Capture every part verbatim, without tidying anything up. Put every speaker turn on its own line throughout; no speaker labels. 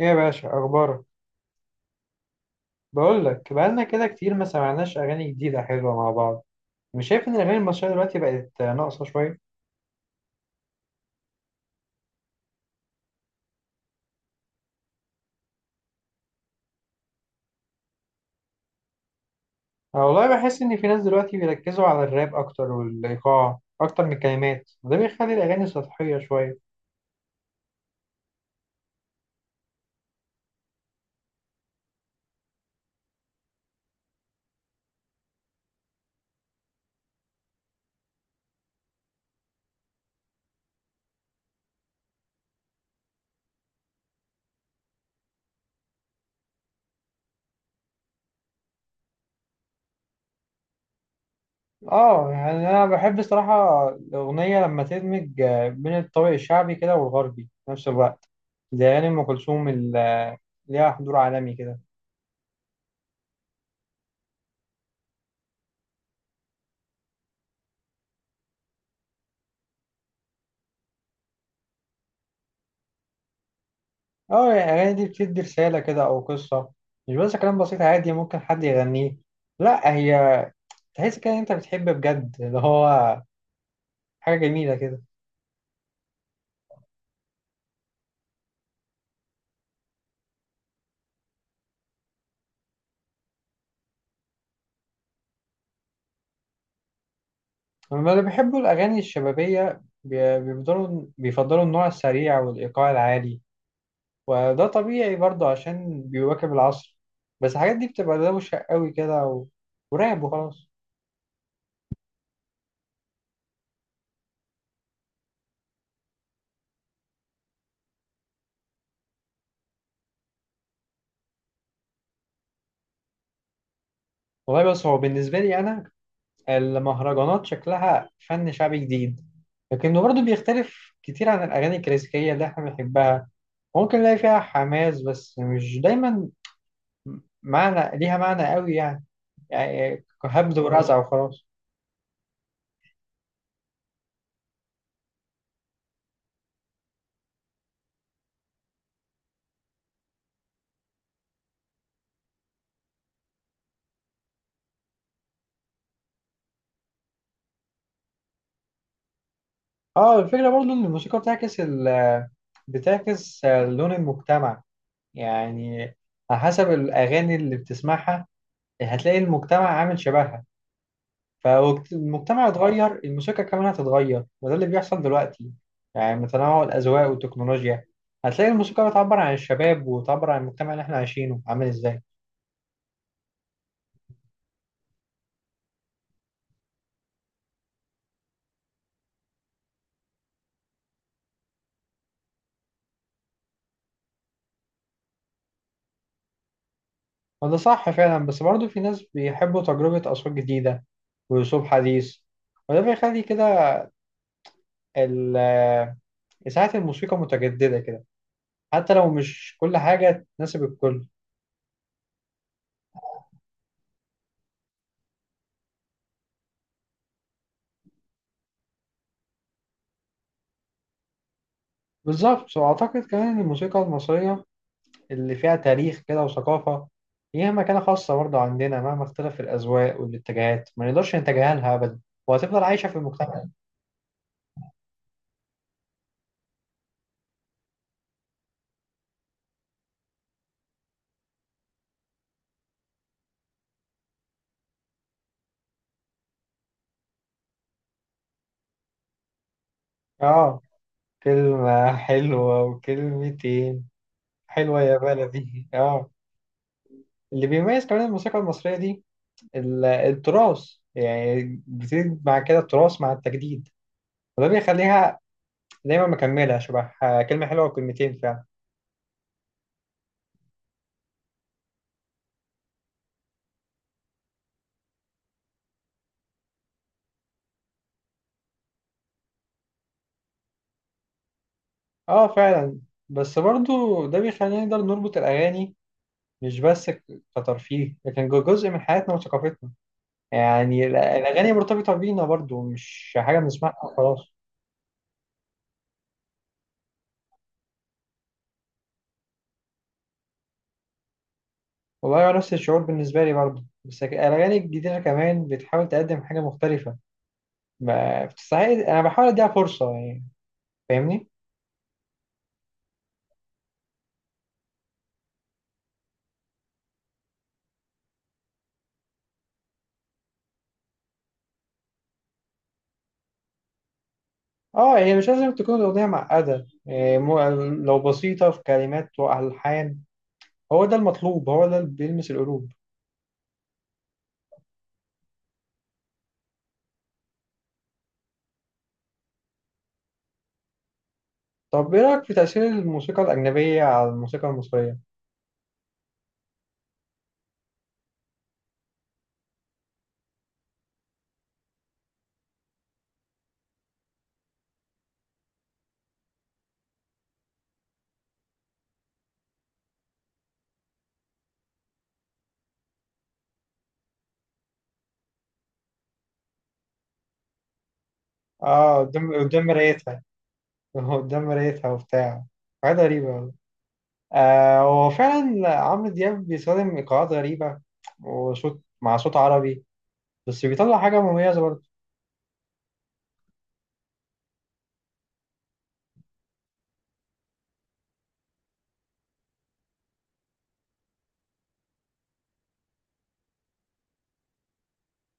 ايه يا باشا اخبارك؟ بقول لك بقالنا كده كتير ما سمعناش اغاني جديده حلوه مع بعض. مش شايف ان الاغاني المصريه دلوقتي بقت ناقصه شويه؟ انا والله بحس ان في ناس دلوقتي بيركزوا على الراب اكتر والايقاع اكتر من الكلمات، وده بيخلي الاغاني سطحيه شويه. اه يعني انا بحب الصراحه الاغنيه لما تدمج بين الطابع الشعبي كده والغربي في نفس الوقت، زي اغاني ام كلثوم اللي ليها حضور عالمي كده. اه يعني الأغاني دي بتدي رسالة كده أو قصة، مش بس كلام بسيط عادي ممكن حد يغنيه. لا، هي تحس كده إن أنت بتحب بجد، اللي هو حاجة جميلة كده. أما اللي بيحبوا الأغاني الشبابية بي- بيفضلوا بيفضلوا النوع السريع والإيقاع العالي، وده طبيعي برضه عشان بيواكب العصر. بس الحاجات دي بتبقى دوشة قوي كده و... وراب وخلاص. والله بس هو بالنسبة لي أنا المهرجانات شكلها فن شعبي جديد، لكنه برضه بيختلف كتير عن الأغاني الكلاسيكية اللي احنا بنحبها. ممكن نلاقي فيها حماس بس مش دايما معنى، ليها معنى قوي يعني، يعني هبد ورزع وخلاص. اه الفكرة برضه إن الموسيقى بتعكس ال بتعكس لون المجتمع. يعني على حسب الأغاني اللي بتسمعها هتلاقي المجتمع عامل شبهها، فالمجتمع اتغير الموسيقى كمان هتتغير، وده اللي بيحصل دلوقتي. يعني من تنوع الأذواق والتكنولوجيا هتلاقي الموسيقى بتعبر عن الشباب وتعبر عن المجتمع اللي احنا عايشينه عامل ازاي. وده صح فعلا، بس برضه في ناس بيحبوا تجربة أصوات جديدة وأسلوب حديث، وده بيخلي كده ال- إذاعة الموسيقى متجددة كده، حتى لو مش كل حاجة تناسب الكل. بالظبط، وأعتقد كمان إن الموسيقى المصرية اللي فيها تاريخ كده وثقافة ليها مكانة خاصة برضه عندنا، مهما اختلف الأذواق والاتجاهات ما نقدرش نتجاهلها أبدا، وهتفضل عايشة في المجتمع. آه، كلمة حلوة وكلمتين، حلوة يا بلدي، آه. اللي بيميز كمان الموسيقى المصرية دي ال- التراث، يعني بتزيد مع كده التراث مع التجديد، وده بيخليها دايما مكملة. شبه كلمة حلوة وكلمتين فعلا. آه فعلا. بس برضه ده بيخلينا نقدر نربط الأغاني، مش بس ك- كترفيه، لكن جو- جزء من حياتنا وثقافتنا. يعني ال- الأغاني مرتبطة بينا برضو، مش حاجة بنسمعها وخلاص. والله هو نفس الشعور بالنسبة لي برضو، بس ك- الأغاني الجديدة كمان بتحاول تقدم حاجة مختلفة، ما بتستعيد. أنا بحاول أديها فرصة يعني، فاهمني؟ اه هي مش لازم تكون الأغنية معقدة إيه، مو- لو بسيطة في كلمات وألحان هو ده المطلوب، هو ده اللي بيلمس القلوب. طب إيه رأيك في تأثير الموسيقى الأجنبية على الموسيقى المصرية؟ اه، قدام قدام مرايتها، قدام مرايتها وبتاع، حاجات غريبة والله. آه، هو فعلا عمرو دياب بيستخدم إيقاعات غريبة وصوت مع صوت عربي، بس بيطلع حاجة مميزة برضه.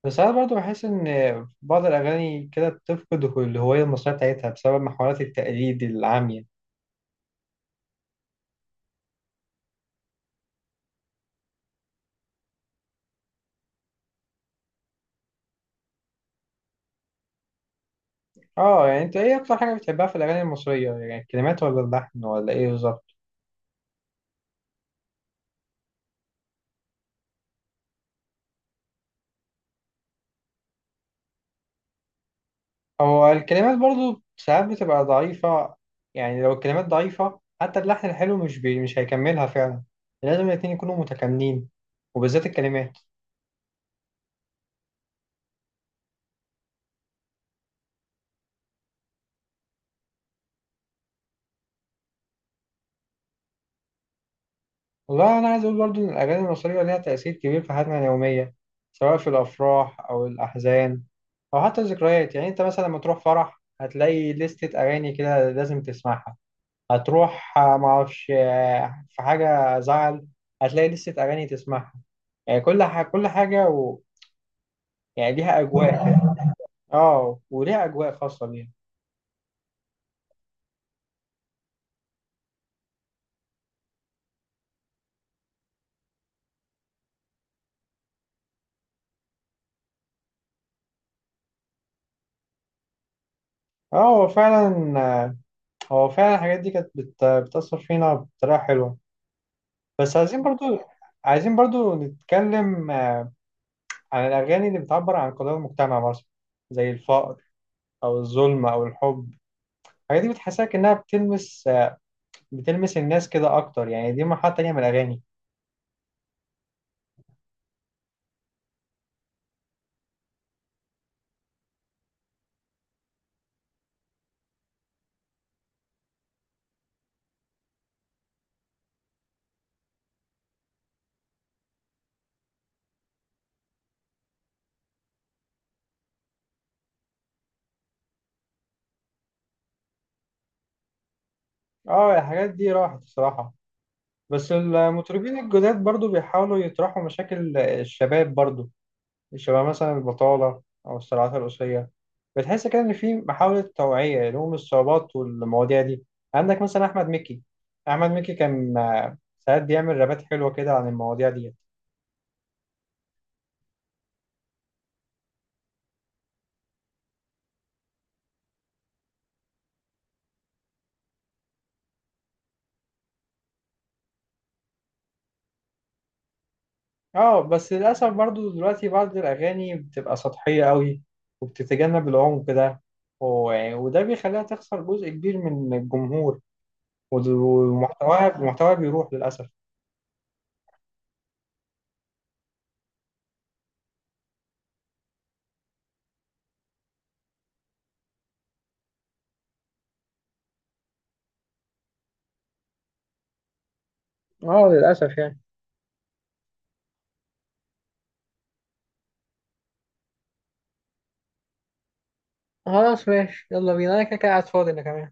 بس ساعات برضه بحس إن بعض الأغاني كده بتفقد الهوية المصرية بتاعتها بسبب محاولات التقليد العامية. اه يعني انت ايه اكتر حاجة بتحبها في الأغاني المصرية، يعني الكلمات ولا اللحن ولا ايه بالظبط؟ هو الكلمات برضو ساعات بتبقى ضعيفة، يعني لو الكلمات ضعيفة حتى اللحن الحلو مش بي... مش هيكملها فعلا. لازم الاتنين يكونوا متكاملين، وبالذات الكلمات. والله أنا عايز أقول برضو إن الأغاني المصرية ليها تأثير كبير في حياتنا اليومية، سواء في الأفراح أو الأحزان أو حتى الذكريات. يعني أنت مثلا لما تروح فرح هتلاقي لستة أغاني كده لازم تسمعها، هتروح آه، معرفش، آه، في حاجة زعل هتلاقي لستة أغاني تسمعها. يعني كل ح... كل حاجة و... يعني ليها أجواء. اه وليها اجواء خاصه ليها. اه هو فعلا، آه، هو فعلا الحاجات دي كانت بت... بتأثر فينا بطريقه حلوه. بس عايزين برضو، عايزين برضو نتكلم آه، عن الاغاني اللي بتعبر عن قضايا المجتمع مثلا، زي الفقر او الظلم او الحب. الحاجات دي بتحسسك انها بتلمس، آه، بتلمس الناس كده اكتر، يعني دي مرحله تانيه من الاغاني. اه الحاجات دي راحت الصراحه، بس المطربين الجداد برضو بيحاولوا يطرحوا مشاكل آه، الشباب برضو، شبه مثلا البطالة أو الصراعات الأسرية. بتحس كده إن في محاولة توعية لهم الصعوبات والمواضيع دي. عندك مثلا أحمد مكي، أحمد مكي كان آه، ساعات بيعمل رابات حلوة كده عن المواضيع دي. اه بس للأسف برضو دلوقتي بعض الأغاني بتبقى سطحية قوي وبتتجنب العمق ده، و- وده بيخليها تخسر جزء كبير من الجمهور، ود- ومحتواها، محتواها بيروح للأسف. اه للأسف يعني. خلاص ماشي يلا بينا، انا كده كده قاعد فاضي انا كمان.